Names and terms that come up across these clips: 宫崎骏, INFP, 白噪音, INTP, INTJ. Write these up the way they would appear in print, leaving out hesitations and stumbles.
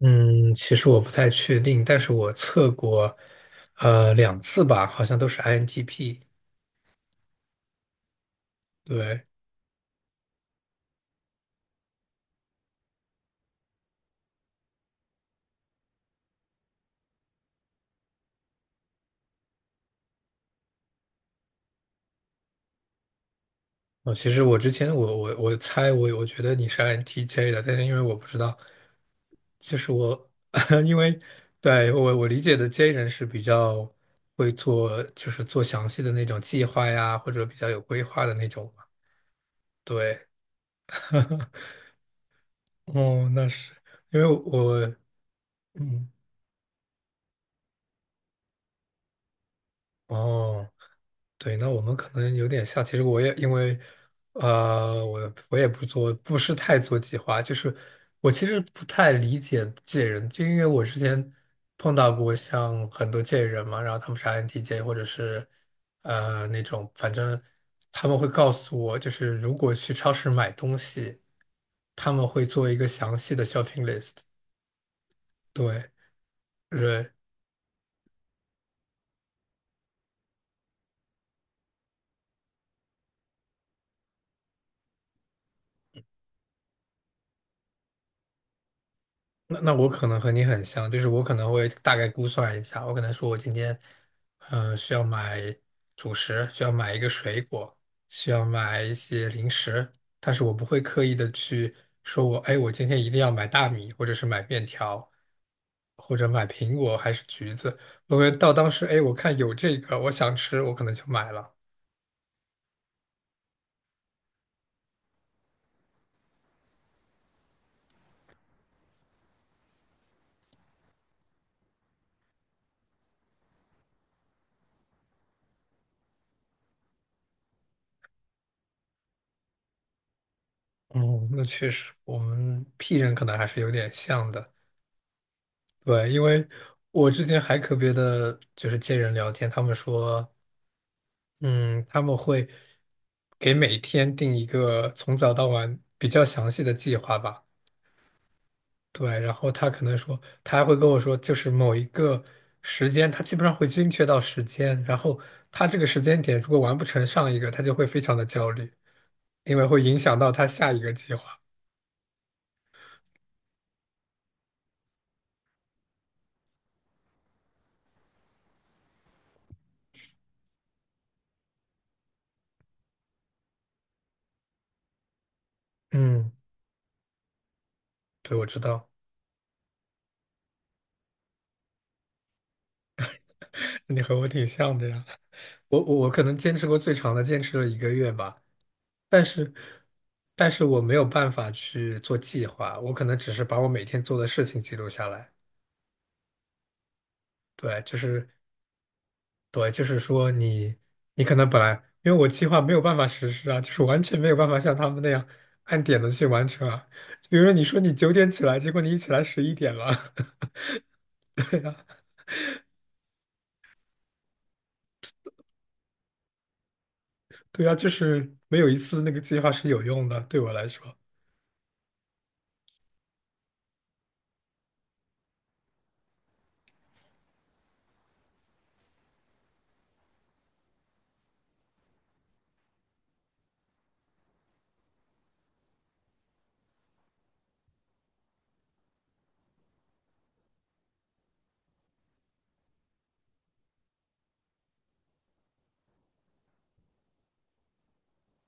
嗯，其实我不太确定，但是我测过，两次吧，好像都是 INTP。对，哦，其实我之前我猜我觉得你是 INTJ 的，但是因为我不知道，就是我 因为对我理解的 J 人是比较会做，就是做详细的那种计划呀，或者比较有规划的那种嘛。对，哦，那是因为我嗯哦。对，那我们可能有点像。其实我也因为，我也不做，不是太做计划。就是我其实不太理解这些人，就因为我之前碰到过像很多这些人嘛，然后他们是 INTJ 或者是那种，反正他们会告诉我，就是如果去超市买东西，他们会做一个详细的 shopping list。对。对那我可能和你很像，就是我可能会大概估算一下，我可能说我今天，需要买主食，需要买一个水果，需要买一些零食，但是我不会刻意的去说我，哎，我今天一定要买大米，或者是买面条，或者买苹果还是橘子，我会到当时，哎，我看有这个，我想吃，我可能就买了。哦，那确实，我们 P 人可能还是有点像的。对，因为我之前还特别的就是接人聊天，他们说，嗯，他们会给每天定一个从早到晚比较详细的计划吧。对，然后他可能说，他还会跟我说，就是某一个时间，他基本上会精确到时间，然后他这个时间点如果完不成上一个，他就会非常的焦虑，因为会影响到他下一个计划。嗯，对，我知道，你和我挺像的呀。我可能坚持过最长的，坚持了一个月吧。但是，但是我没有办法去做计划，我可能只是把我每天做的事情记录下来。对，就是对，就是说你，你可能本来因为我计划没有办法实施啊，就是完全没有办法像他们那样按点的去完成啊。比如说你说你9点起来，结果你一起来11点了，对呀，对呀，就是没有一次那个计划是有用的，对我来说，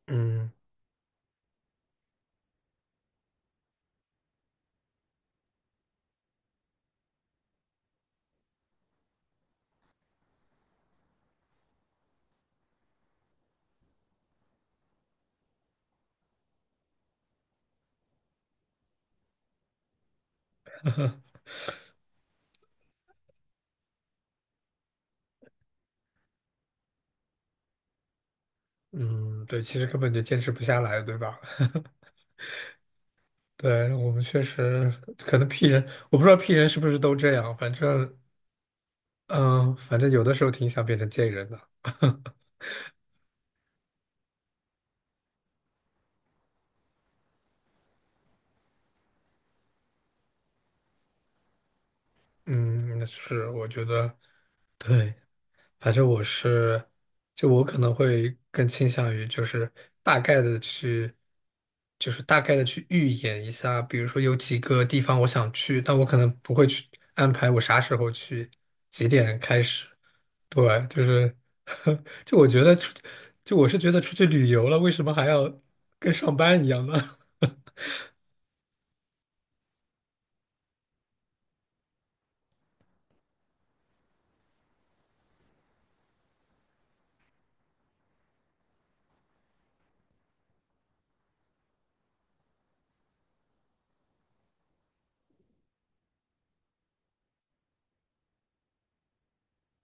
嗯嗯，对，其实根本就坚持不下来，对吧？对，我们确实可能 P 人，我不知道 P 人是不是都这样，反正，嗯、反正有的时候挺想变成 J 人的，嗯，是，我觉得，对，反正我是，就我可能会更倾向于就是大概的去，预演一下，比如说有几个地方我想去，但我可能不会去安排我啥时候去，几点开始。对，就是，就我觉得出，就我是觉得出去旅游了，为什么还要跟上班一样呢？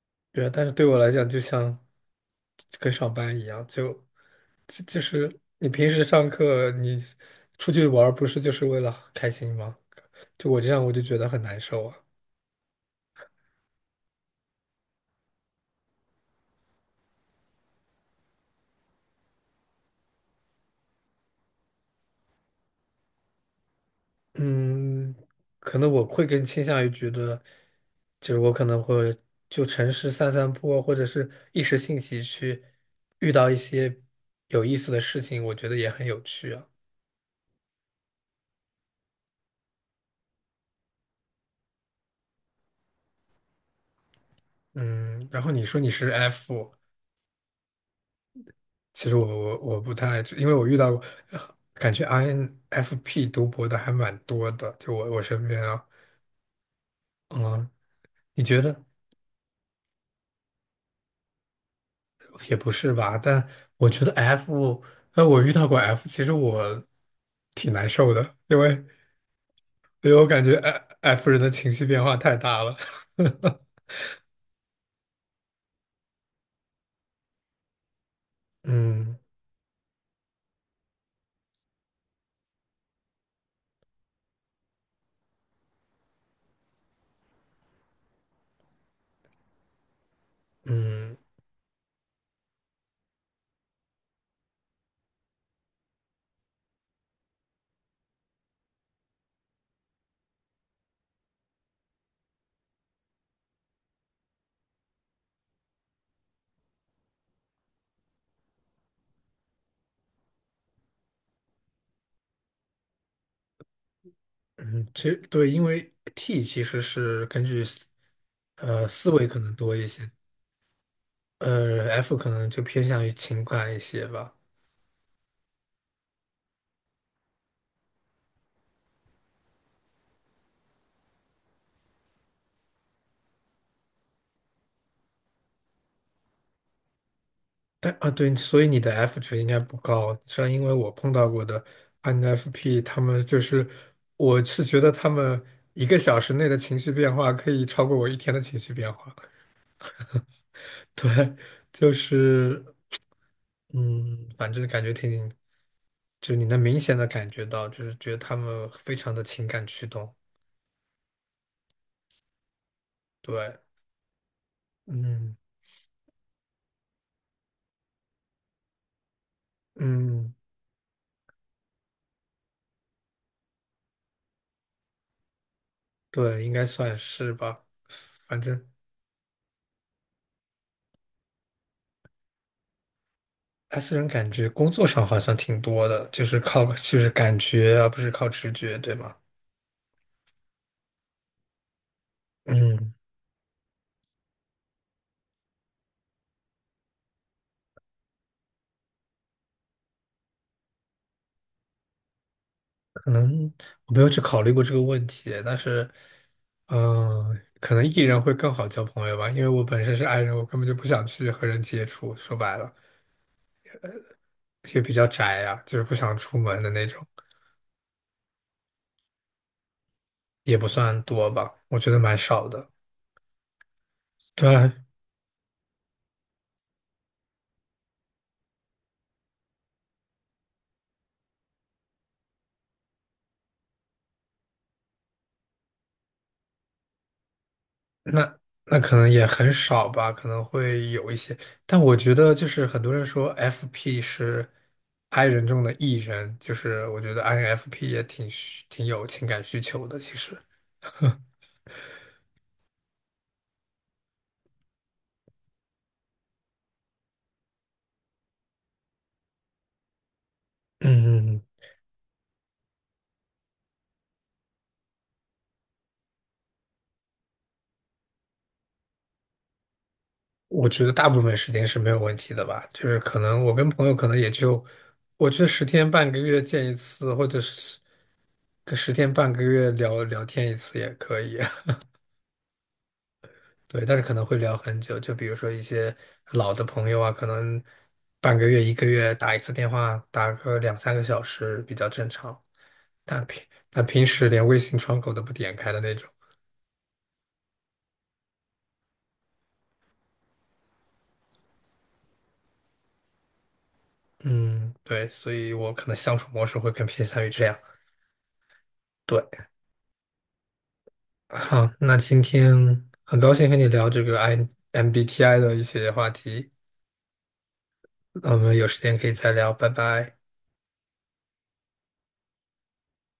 对啊，但是对我来讲，就像跟上班一样，就。这就是你平时上课，你出去玩儿不是就是为了开心吗？就我这样，我就觉得很难受啊。嗯，可能我会更倾向于觉得，就是我可能会就城市散散步啊，或者是一时兴起去遇到一些有意思的事情，我觉得也很有趣啊。嗯，然后你说你是 F，其实我不太，因为我遇到过，感觉 INFP 读博的还蛮多的，就我身边啊。嗯，你觉得也不是吧？但我觉得 F，我遇到过 F，其实我挺难受的，因为我感觉 F 人的情绪变化太大了。嗯嗯嗯，其实对，因为 T 其实是根据思维可能多一些，F 可能就偏向于情感一些吧。但啊，对，所以你的 F 值应该不高。虽然因为我碰到过的 INFP，他们就是，我是觉得他们一个小时内的情绪变化可以超过我一天的情绪变化。对，就是，嗯，反正感觉挺，就你能明显的感觉到，就是觉得他们非常的情感驱动。对，嗯嗯，对，应该算是吧。反正他私人感觉工作上好像挺多的，就是靠就是感觉啊，而不是靠直觉，对吗？嗯，可能我没有去考虑过这个问题，但是，嗯、可能 E 人会更好交朋友吧，因为我本身是 I 人，我根本就不想去和人接触，说白了也比较宅呀、就是不想出门的那种，也不算多吧，我觉得蛮少的。对，那那可能也很少吧，可能会有一些，但我觉得就是很多人说 FP 是 I 人中的 E 人，就是我觉得 INFP 也挺有情感需求的。其实，嗯，我觉得大部分时间是没有问题的吧，就是可能我跟朋友可能也就，我觉得十天半个月见一次，或者是个十天半个月聊聊天一次也可以。对，但是可能会聊很久，就比如说一些老的朋友啊，可能半个月、一个月打一次电话，打个两三个小时比较正常。但平但平时连微信窗口都不点开的那种，嗯，对，所以我可能相处模式会更偏向于这样。对，好，那今天很高兴和你聊这个 MBTI 的一些话题，那我们有时间可以再聊，拜拜。